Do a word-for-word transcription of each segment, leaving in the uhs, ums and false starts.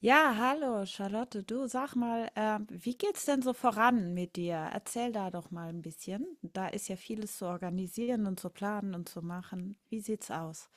Ja, hallo Charlotte, du sag mal, ähm, wie geht's denn so voran mit dir? Erzähl da doch mal ein bisschen. Da ist ja vieles zu organisieren und zu planen und zu machen. Wie sieht's aus?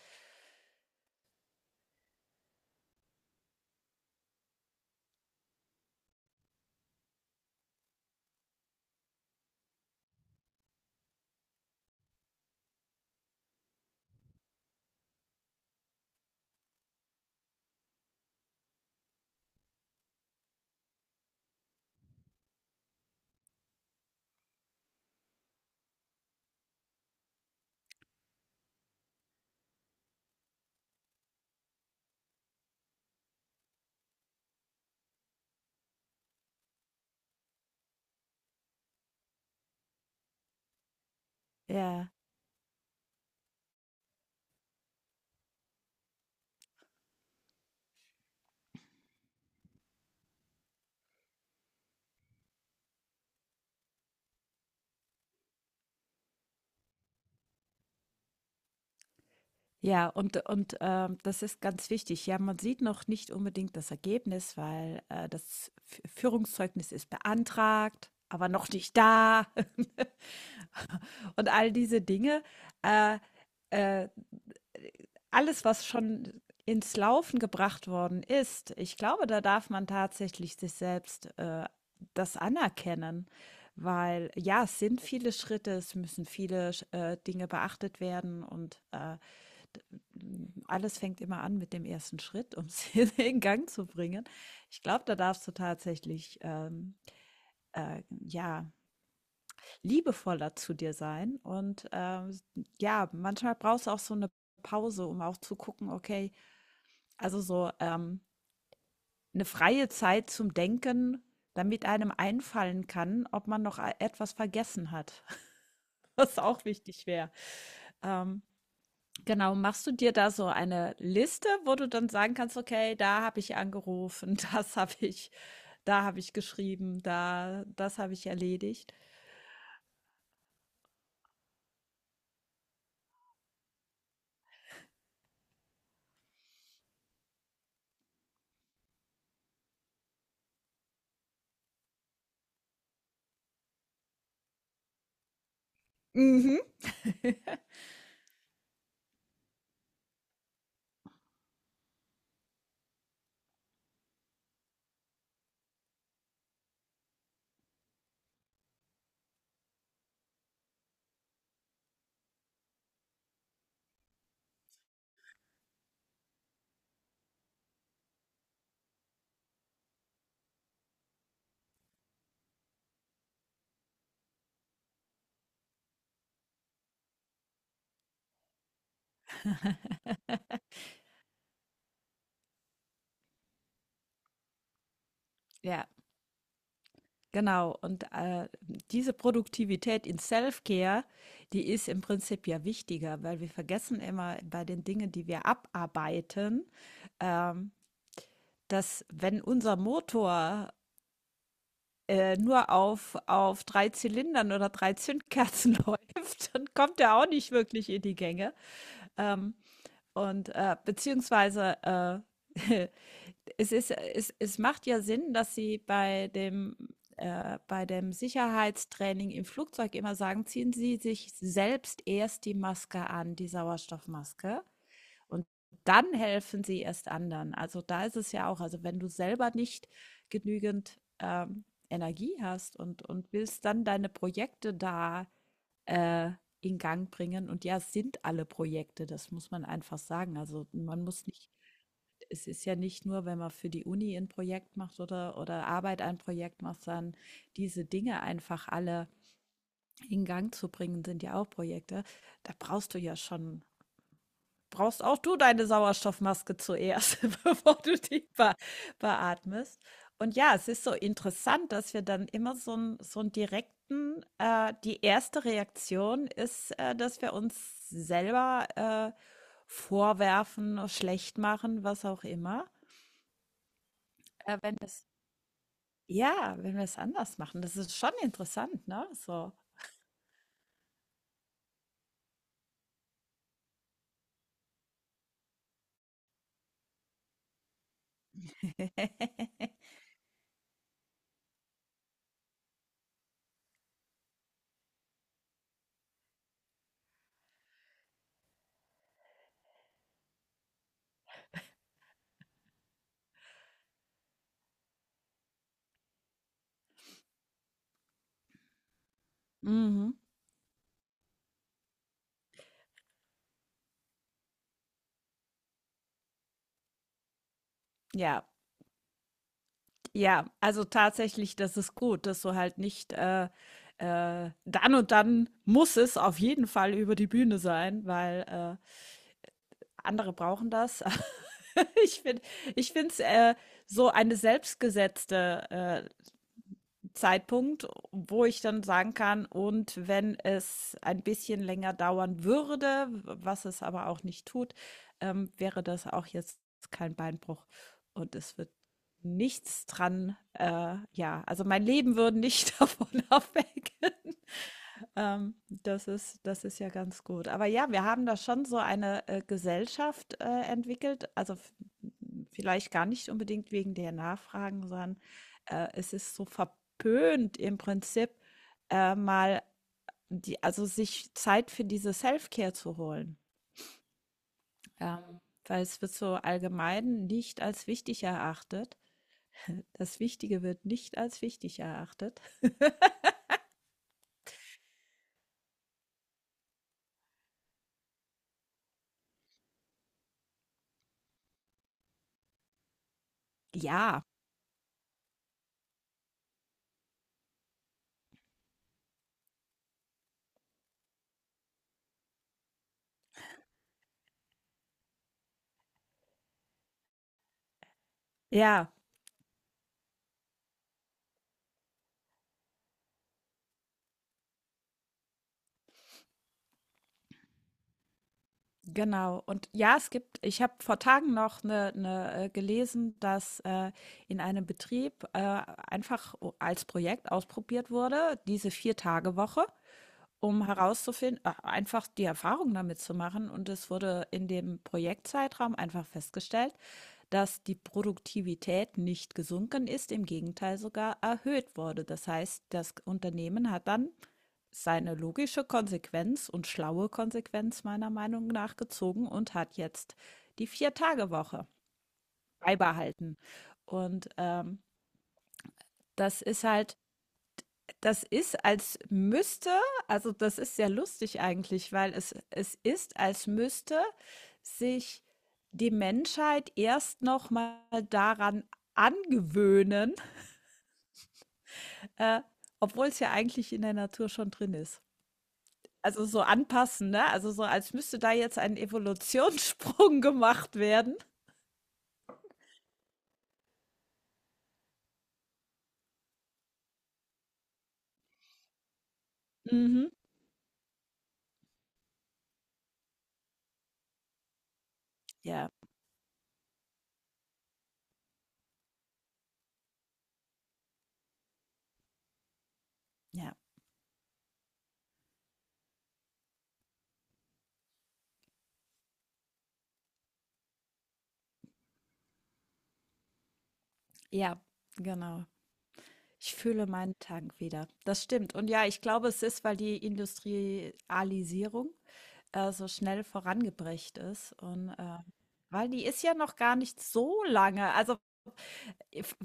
Ja, ja, und, und ähm, das ist ganz wichtig. Ja, man sieht noch nicht unbedingt das Ergebnis, weil äh, das F- Führungszeugnis ist beantragt, aber noch nicht da und all diese Dinge. Äh, äh, Alles, was schon ins Laufen gebracht worden ist, ich glaube, da darf man tatsächlich sich selbst äh, das anerkennen, weil ja, es sind viele Schritte, es müssen viele äh, Dinge beachtet werden und äh, alles fängt immer an mit dem ersten Schritt, um es in Gang zu bringen. Ich glaube, da darfst du tatsächlich ähm, äh, ja, liebevoller zu dir sein und ähm, ja, manchmal brauchst du auch so eine Pause, um auch zu gucken, okay, also so, ähm, 'ne freie Zeit zum Denken, damit einem einfallen kann, ob man noch a etwas vergessen hat, was auch wichtig wäre. Ähm, genau, machst du dir da so eine Liste, wo du dann sagen kannst: „Okay, da habe ich angerufen, das habe ich da habe ich geschrieben, da das habe ich erledigt?“ Mhm. Ja, genau, und äh, diese Produktivität in Self-Care, die ist im Prinzip ja wichtiger, weil wir vergessen immer bei den Dingen, die wir abarbeiten, ähm, dass wenn unser Motor äh, nur auf, auf drei Zylindern oder drei Zündkerzen läuft, dann kommt er auch nicht wirklich in die Gänge. Ähm, und äh, beziehungsweise äh, es ist, es, es macht ja Sinn, dass Sie bei dem, äh, bei dem Sicherheitstraining im Flugzeug immer sagen, ziehen Sie sich selbst erst die Maske an, die Sauerstoffmaske, und dann helfen Sie erst anderen. Also da ist es ja auch, also wenn du selber nicht genügend ähm, Energie hast und, und willst dann deine Projekte da äh, in Gang bringen. Und ja, es sind alle Projekte, das muss man einfach sagen. Also man muss nicht Es ist ja nicht nur, wenn man für die Uni ein Projekt macht oder, oder Arbeit ein Projekt macht, sondern diese Dinge einfach alle in Gang zu bringen, sind ja auch Projekte. Da brauchst du ja schon, brauchst auch du deine Sauerstoffmaske zuerst, bevor du die be beatmest. Und ja, es ist so interessant, dass wir dann immer so, einen so einen direkten, äh, die erste Reaktion ist, äh, dass wir uns selber äh, vorwerfen, schlecht machen, was auch immer. Äh, wenn das Ja, wenn wir es anders machen, das ist schon interessant, ne? So. Mhm. Ja, ja, also tatsächlich, das ist gut, dass du halt nicht, äh, äh, dann und dann muss es auf jeden Fall über die Bühne sein, weil, äh, andere brauchen das. Ich finde Ich finde es, äh, so eine selbstgesetzte, äh, Zeitpunkt, wo ich dann sagen kann, und wenn es ein bisschen länger dauern würde, was es aber auch nicht tut, ähm, wäre das auch jetzt kein Beinbruch und es wird nichts dran, äh, ja, also mein Leben würde nicht davon abhängen. Ähm, das ist, das ist ja ganz gut. Aber ja, wir haben da schon so eine äh, Gesellschaft äh, entwickelt. Also f- vielleicht gar nicht unbedingt wegen der Nachfragen, sondern äh, es ist so verpönt im Prinzip äh, mal die, also sich Zeit für diese Self-Care zu holen. Ähm, Weil es wird so allgemein nicht als wichtig erachtet. Das Wichtige wird nicht als wichtig erachtet. Ja, ja. Genau. Und ja, es gibt, ich habe vor Tagen noch ne, ne, äh, gelesen, dass äh, in einem Betrieb äh, einfach o- als Projekt ausprobiert wurde, diese Vier-Tage-Woche, um herauszufinden, äh, einfach die Erfahrung damit zu machen. Und es wurde in dem Projektzeitraum einfach festgestellt, dass die Produktivität nicht gesunken ist, im Gegenteil sogar erhöht wurde. Das heißt, das Unternehmen hat dann seine logische Konsequenz und schlaue Konsequenz meiner Meinung nach gezogen und hat jetzt die Vier-Tage-Woche beibehalten. Und ähm, das ist halt, das ist, als müsste also, das ist sehr lustig eigentlich, weil es es ist, als müsste sich die Menschheit erst noch mal daran angewöhnen, äh, obwohl es ja eigentlich in der Natur schon drin ist. Also, so anpassen, ne? Also, so als müsste da jetzt ein Evolutionssprung gemacht werden. Mhm. Ja, ja, ja, genau. Ich fühle meinen Tank wieder. Das stimmt. Und ja, ich glaube, es ist, weil die Industrialisierung äh, so schnell vorangebracht ist und, äh weil die ist ja noch gar nicht so lange. Also, if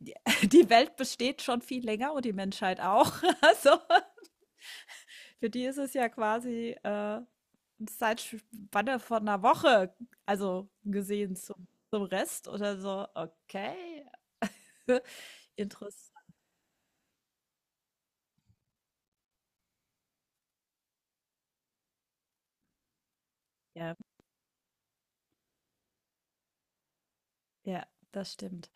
die die Welt besteht schon viel länger und die Menschheit auch. Also, für die ist es ja quasi, äh, 'ne Zeitspanne von einer Woche, also, gesehen zum zum Rest oder so. Okay, interessant, ja. Ja, das stimmt.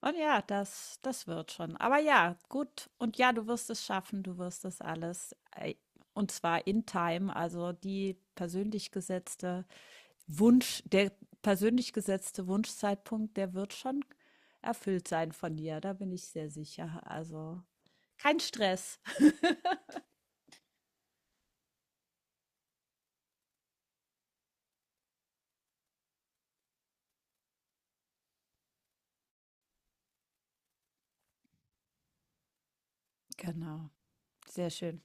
Und ja, das das wird schon. Aber ja, gut. Und ja, du wirst es schaffen, du wirst das alles, äh, und zwar in time, also die persönlich gesetzte Wunsch der persönlich gesetzte Wunschzeitpunkt, der wird schon erfüllt sein von dir, da bin ich sehr sicher. Also, kein Stress. Genau, sehr schön.